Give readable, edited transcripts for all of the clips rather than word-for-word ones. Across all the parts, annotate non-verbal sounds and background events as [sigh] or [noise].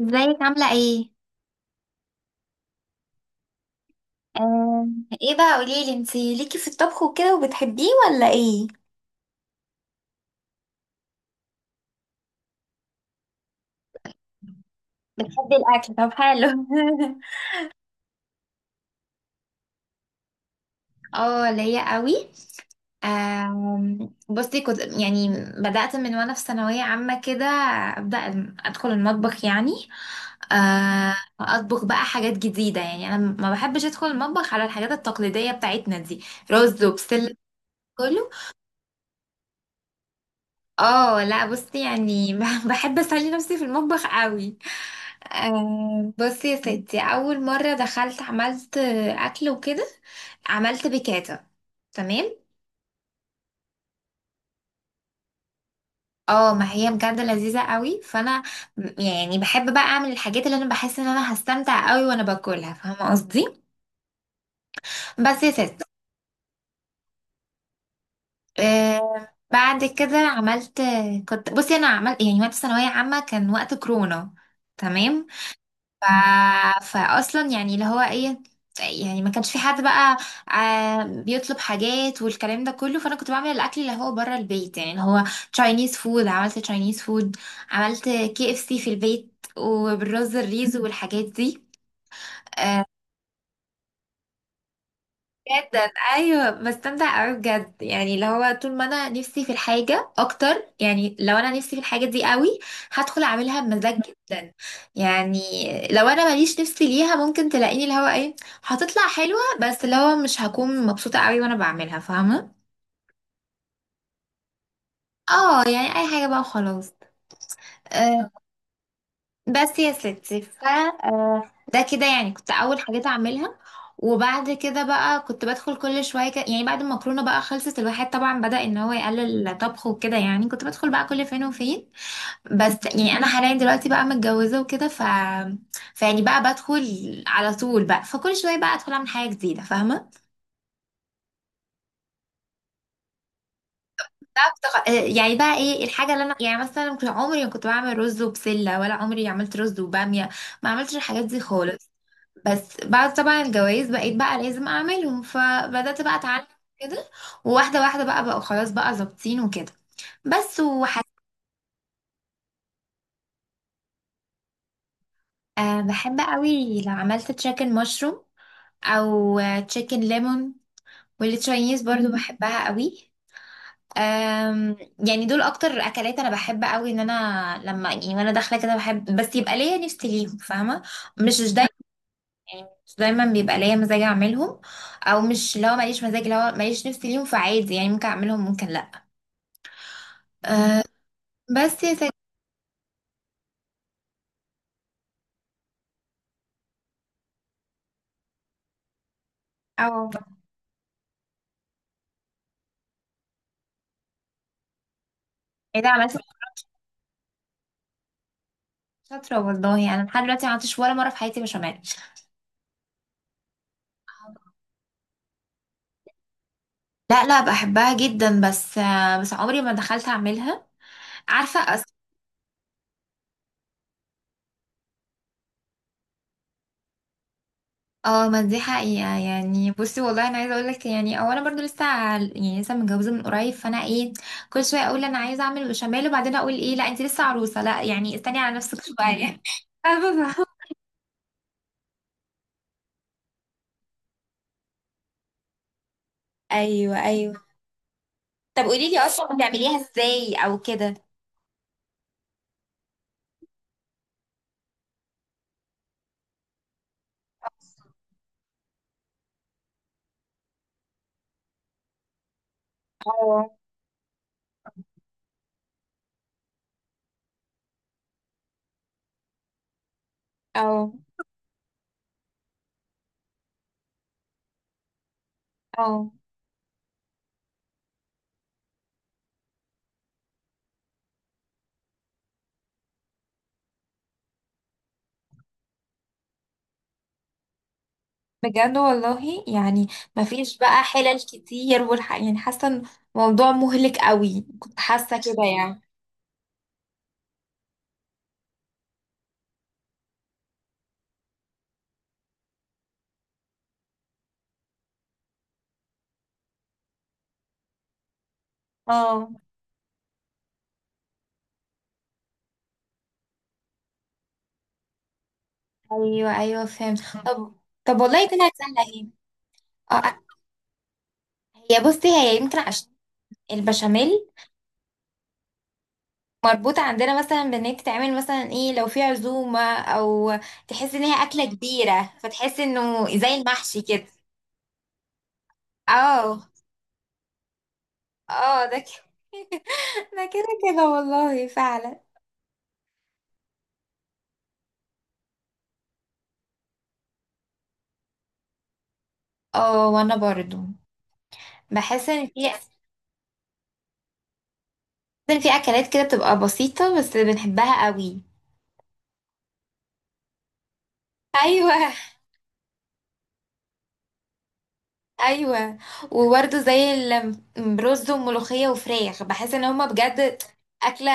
ازيك عاملة ايه؟ آه. ايه بقى قوليلي، انتي ليكي في الطبخ وكده وبتحبيه ولا ايه؟ بتحبي الاكل؟ طب حلو. [laughs] اه، ليا قوي. آم، بصي كنت يعني بدأت من وانا في ثانوية عامة كده. أبدأ أدخل المطبخ، يعني أطبخ بقى حاجات جديدة. يعني أنا ما بحبش أدخل المطبخ على الحاجات التقليدية بتاعتنا دي، رز وبسلة، كله. اه لا، بصي يعني [laughs] بحب اسلي نفسي في المطبخ قوي. بصي يا ستي، اول مره دخلت عملت اكل وكده، عملت بيكاتا، تمام؟ اه ما هي بجد لذيذه قوي، فانا يعني بحب بقى اعمل الحاجات اللي انا بحس ان انا هستمتع قوي وانا باكلها، فاهمه قصدي؟ بس يا ستي، بعد كده عملت، كنت بصي انا عملت، يعني وقت ثانويه عامه كان وقت كورونا، تمام؟ ف... فاصلا يعني اللي هو ايه، يعني ما كانش في حد بقى بيطلب حاجات والكلام ده كله، فانا كنت بعمل الاكل اللي هو بره البيت، يعني اللي هو تشاينيز فود. عملت تشاينيز فود، عملت KFC في البيت، وبالرز الريز والحاجات دي. آه، جدا، ايوه، بستمتع قوي بجد. يعني اللي هو طول ما انا نفسي في الحاجه اكتر، يعني لو انا نفسي في الحاجه دي قوي، هدخل اعملها بمزاج جدا. يعني لو انا ماليش نفسي ليها، ممكن تلاقيني اللي هو ايه، هتطلع حلوه، بس اللي هو مش هكون مبسوطه قوي وانا بعملها، فاهمه؟ اه يعني اي حاجه بقى وخلاص. آه، بس يا ستي، ف آه، ده كده يعني كنت اول حاجات اعملها. وبعد كده بقى كنت بدخل كل شويه كده، يعني بعد المكرونه بقى خلصت، الواحد طبعا بدأ ان هو يقلل طبخه وكده، يعني كنت بدخل بقى كل فين وفين. بس يعني انا حاليا دلوقتي بقى متجوزه وكده، فيعني بقى بدخل على طول بقى. فكل شويه بقى ادخل اعمل حاجه جديده، فاهمه؟ بقى بتغ... آه، يعني بقى ايه الحاجه اللي انا يعني مثلا كنت عمري ما كنت بعمل رز وبسله، ولا عمري عملت رز وباميه، ما عملتش الحاجات دي خالص. بس بعد طبعا الجواز بقيت بقى لازم اعملهم، فبدأت بقى اتعلم كده. وواحدة واحدة بقى خلاص بقى ظابطين وكده. بس أه، بحب قوي لو عملت تشيكن مشروم او تشيكن ليمون. والتشاينيز برضو بحبها قوي. أم يعني دول اكتر اكلات انا بحب قوي، ان انا لما يعني وانا داخله كده بحب بس يبقى ليا نفسي ليهم، فاهمه؟ مش مش دايما بيبقى ليا مزاج اعملهم. او مش، لو ماليش مزاج، لو ماليش نفسي ليهم، فعادي يعني، ممكن اعملهم ممكن لا. أه، بس يا سيدي. او ايه ده عملت؟ شاطره والله. انا لحد دلوقتي ما عملتش ولا مره في حياتي بشاميل. لا لا، بحبها جدا، بس بس عمري ما دخلت اعملها، عارفه اه، ما دي حقيقه. يعني بصي والله، انا عايزه اقول لك يعني، اولا برضو لسه يعني لسه متجوزه من قريب، فانا ايه، كل شويه اقول انا عايزه اعمل بشاميل، وبعدين اقول ايه لا، انت لسه عروسه، لا يعني استني على نفسك شويه. [laughs] ايوه ايوه. طب قولي لي اصلا، بتعمليها ازاي او كده؟ اه اه اه، بجد والله؟ يعني مفيش بقى حلل كتير يعني حاسه إن الموضوع مهلك قوي، كنت حاسه كده [laughs] يعني. اه، ايوه ايوه، فهمت. طب طب والله طلعت سهله اهي. اه آه. هي بصي، هي يمكن عشان البشاميل مربوطه عندنا مثلا بان هي بتتعمل مثلا ايه لو في عزومه، او تحس ان هي اكله كبيره، فتحس انه زي المحشي كده. اه، اه ده كده. [laughs] ده كده كده والله، فعلا. اه، وانا برضو بحس ان في اكلات كده بتبقى بسيطة بس بنحبها قوي. ايوه ايوه، وبرضو زي الرز وملوخية وفراخ، بحس ان هما بجد اكلة.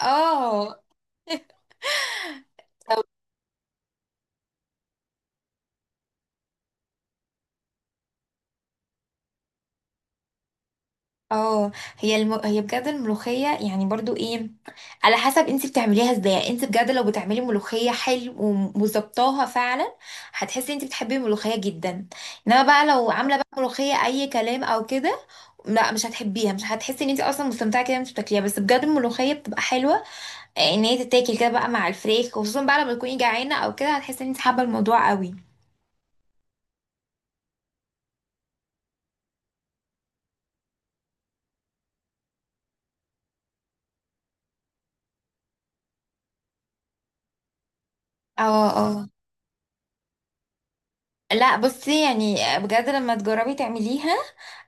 اه [laughs] اه، هي هي بجد، الملوخية يعني برضو ايه، على حسب انت بتعمليها ازاي. يعني انت بجد لو بتعملي ملوخية حلو، وظبطاها فعلا، هتحسي انت بتحبي الملوخية جدا. انما بقى لو عاملة بقى ملوخية اي كلام او كده، لا مش هتحبيها، مش هتحسي ان انت اصلا مستمتعة كده وانت بتاكليها. بس بجد الملوخية بتبقى حلوة، ان هي تتاكل كده بقى مع الفريخ، خصوصا بقى لما تكوني جعانة او كده، هتحسي ان انت حابة الموضوع قوي. اه، اه، لا بصي يعني بجد، لما تجربي تعمليها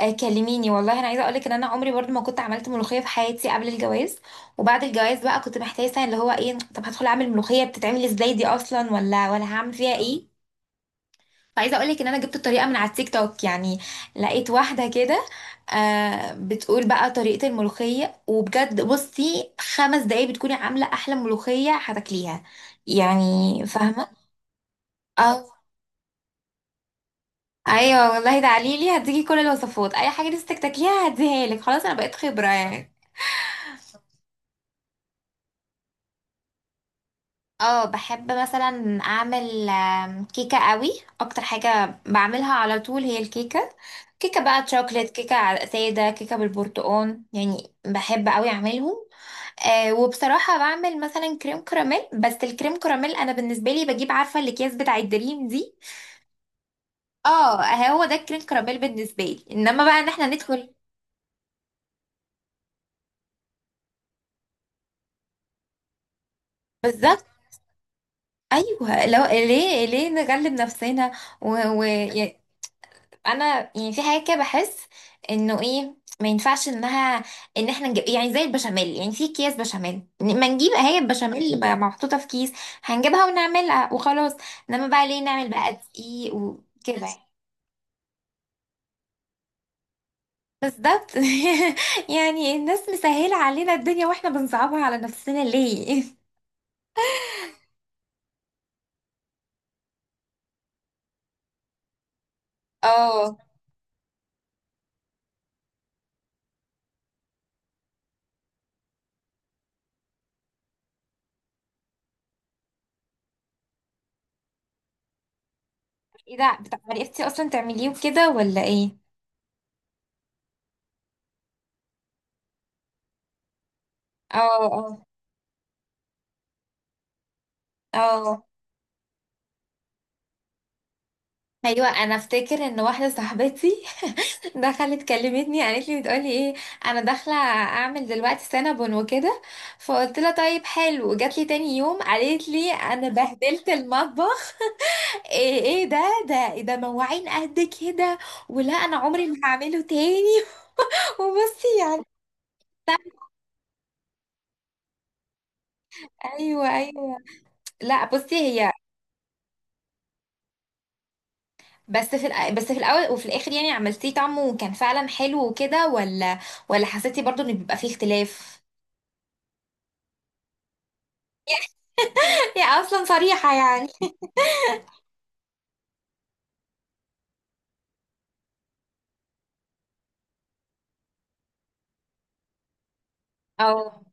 كلميني والله، انا عايزه اقولك ان انا عمري برضو ما كنت عملت ملوخيه في حياتي قبل الجواز. وبعد الجواز بقى كنت محتاسه اللي هو ايه، طب هدخل اعمل ملوخيه، بتتعمل ازاي دي اصلا، ولا هعمل فيها ايه. فعايزه اقولك ان انا جبت الطريقه من على التيك توك. يعني لقيت واحده كده، بتقول بقى طريقه الملوخيه، وبجد بصي 5 دقايق بتكوني عامله احلى ملوخيه هتاكليها، يعني فاهمه؟ اه ايوه والله، ده عليلي، هديكي كل الوصفات. اي حاجه نفسك تاكليها هديها لك، خلاص انا بقيت خبره يعني. اه، بحب مثلا اعمل كيكه قوي. اكتر حاجه بعملها على طول هي الكيكه. كيكه بقى تشوكليت، كيكه ساده، كيكه بالبرتقال، يعني بحب قوي اعملهم. أه، وبصراحه بعمل مثلا كريم كراميل. بس الكريم كراميل انا بالنسبه لي بجيب، عارفه الاكياس بتاع الدريم دي، اه، هو ده الكريم كراميل بالنسبه لي. انما بقى ان احنا ندخل بالظبط، ايوه لو ليه نغلب نفسنا. ويعني انا يعني في حاجه كده بحس انه ايه، ما ينفعش انها، ان احنا نجيب يعني زي البشاميل، يعني في اكياس بشاميل، ما نجيب هي البشاميل اللي بقى محطوطه في كيس، هنجيبها ونعملها وخلاص. انما بقى ليه نعمل بقى دقيق وكده. بالظبط. [laughs] يعني الناس مسهله علينا الدنيا واحنا بنصعبها على نفسنا ليه. اه [laughs] ايه ده عرفتي اصلا تعمليه وكده ولا ايه؟ اه اه اه، ايوه. انا افتكر ان واحده صاحبتي دخلت كلمتني، قالت لي بتقولي ايه، انا داخله اعمل دلوقتي سينابون وكده. فقلت لها طيب حلو، جات لي تاني يوم قالت لي انا بهدلت المطبخ، ايه ايه ده، ده مواعين قد كده، ولا انا عمري ما هعمله تاني. [laughs] وبصي يعني، ايوه ايوه، لا بصي، هي بس في الاول وفي الاخر، يعني عملتيه طعمه وكان فعلا حلو وكده، ولا حسيتي برضو ان بيبقى فيه اختلاف؟ [laughs] هي اصلا صريحه يعني. اه،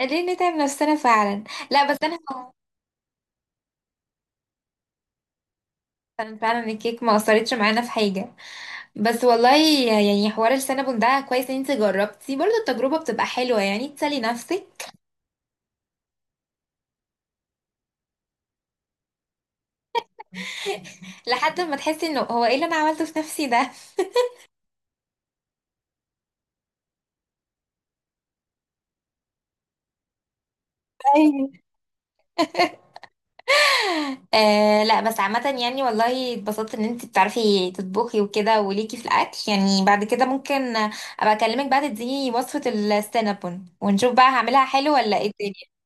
ليه نتعب نفسنا فعلا. لا بس انا، فعلا فعلا الكيك ما اثرتش معانا في حاجه. بس والله يعني حوار السينابون ده كويس ان انت جربتي، برضو التجربه بتبقى حلوه يعني، تسلي نفسك لحد ما تحسي انه هو ايه اللي انا عملته في نفسي ده. ايوه. [laughs] لا، بس عامه يعني والله اتبسطت ان انت بتعرفي تطبخي وكده وليكي في الاكل. يعني بعد كده ممكن ابقى اكلمك بقى، تديني وصفه السينابون، ونشوف بقى هعملها حلو ولا ايه الدنيا.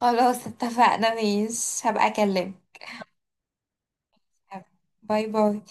خلاص اتفقنا، ماشي، هبقى اكلمك. باي باي.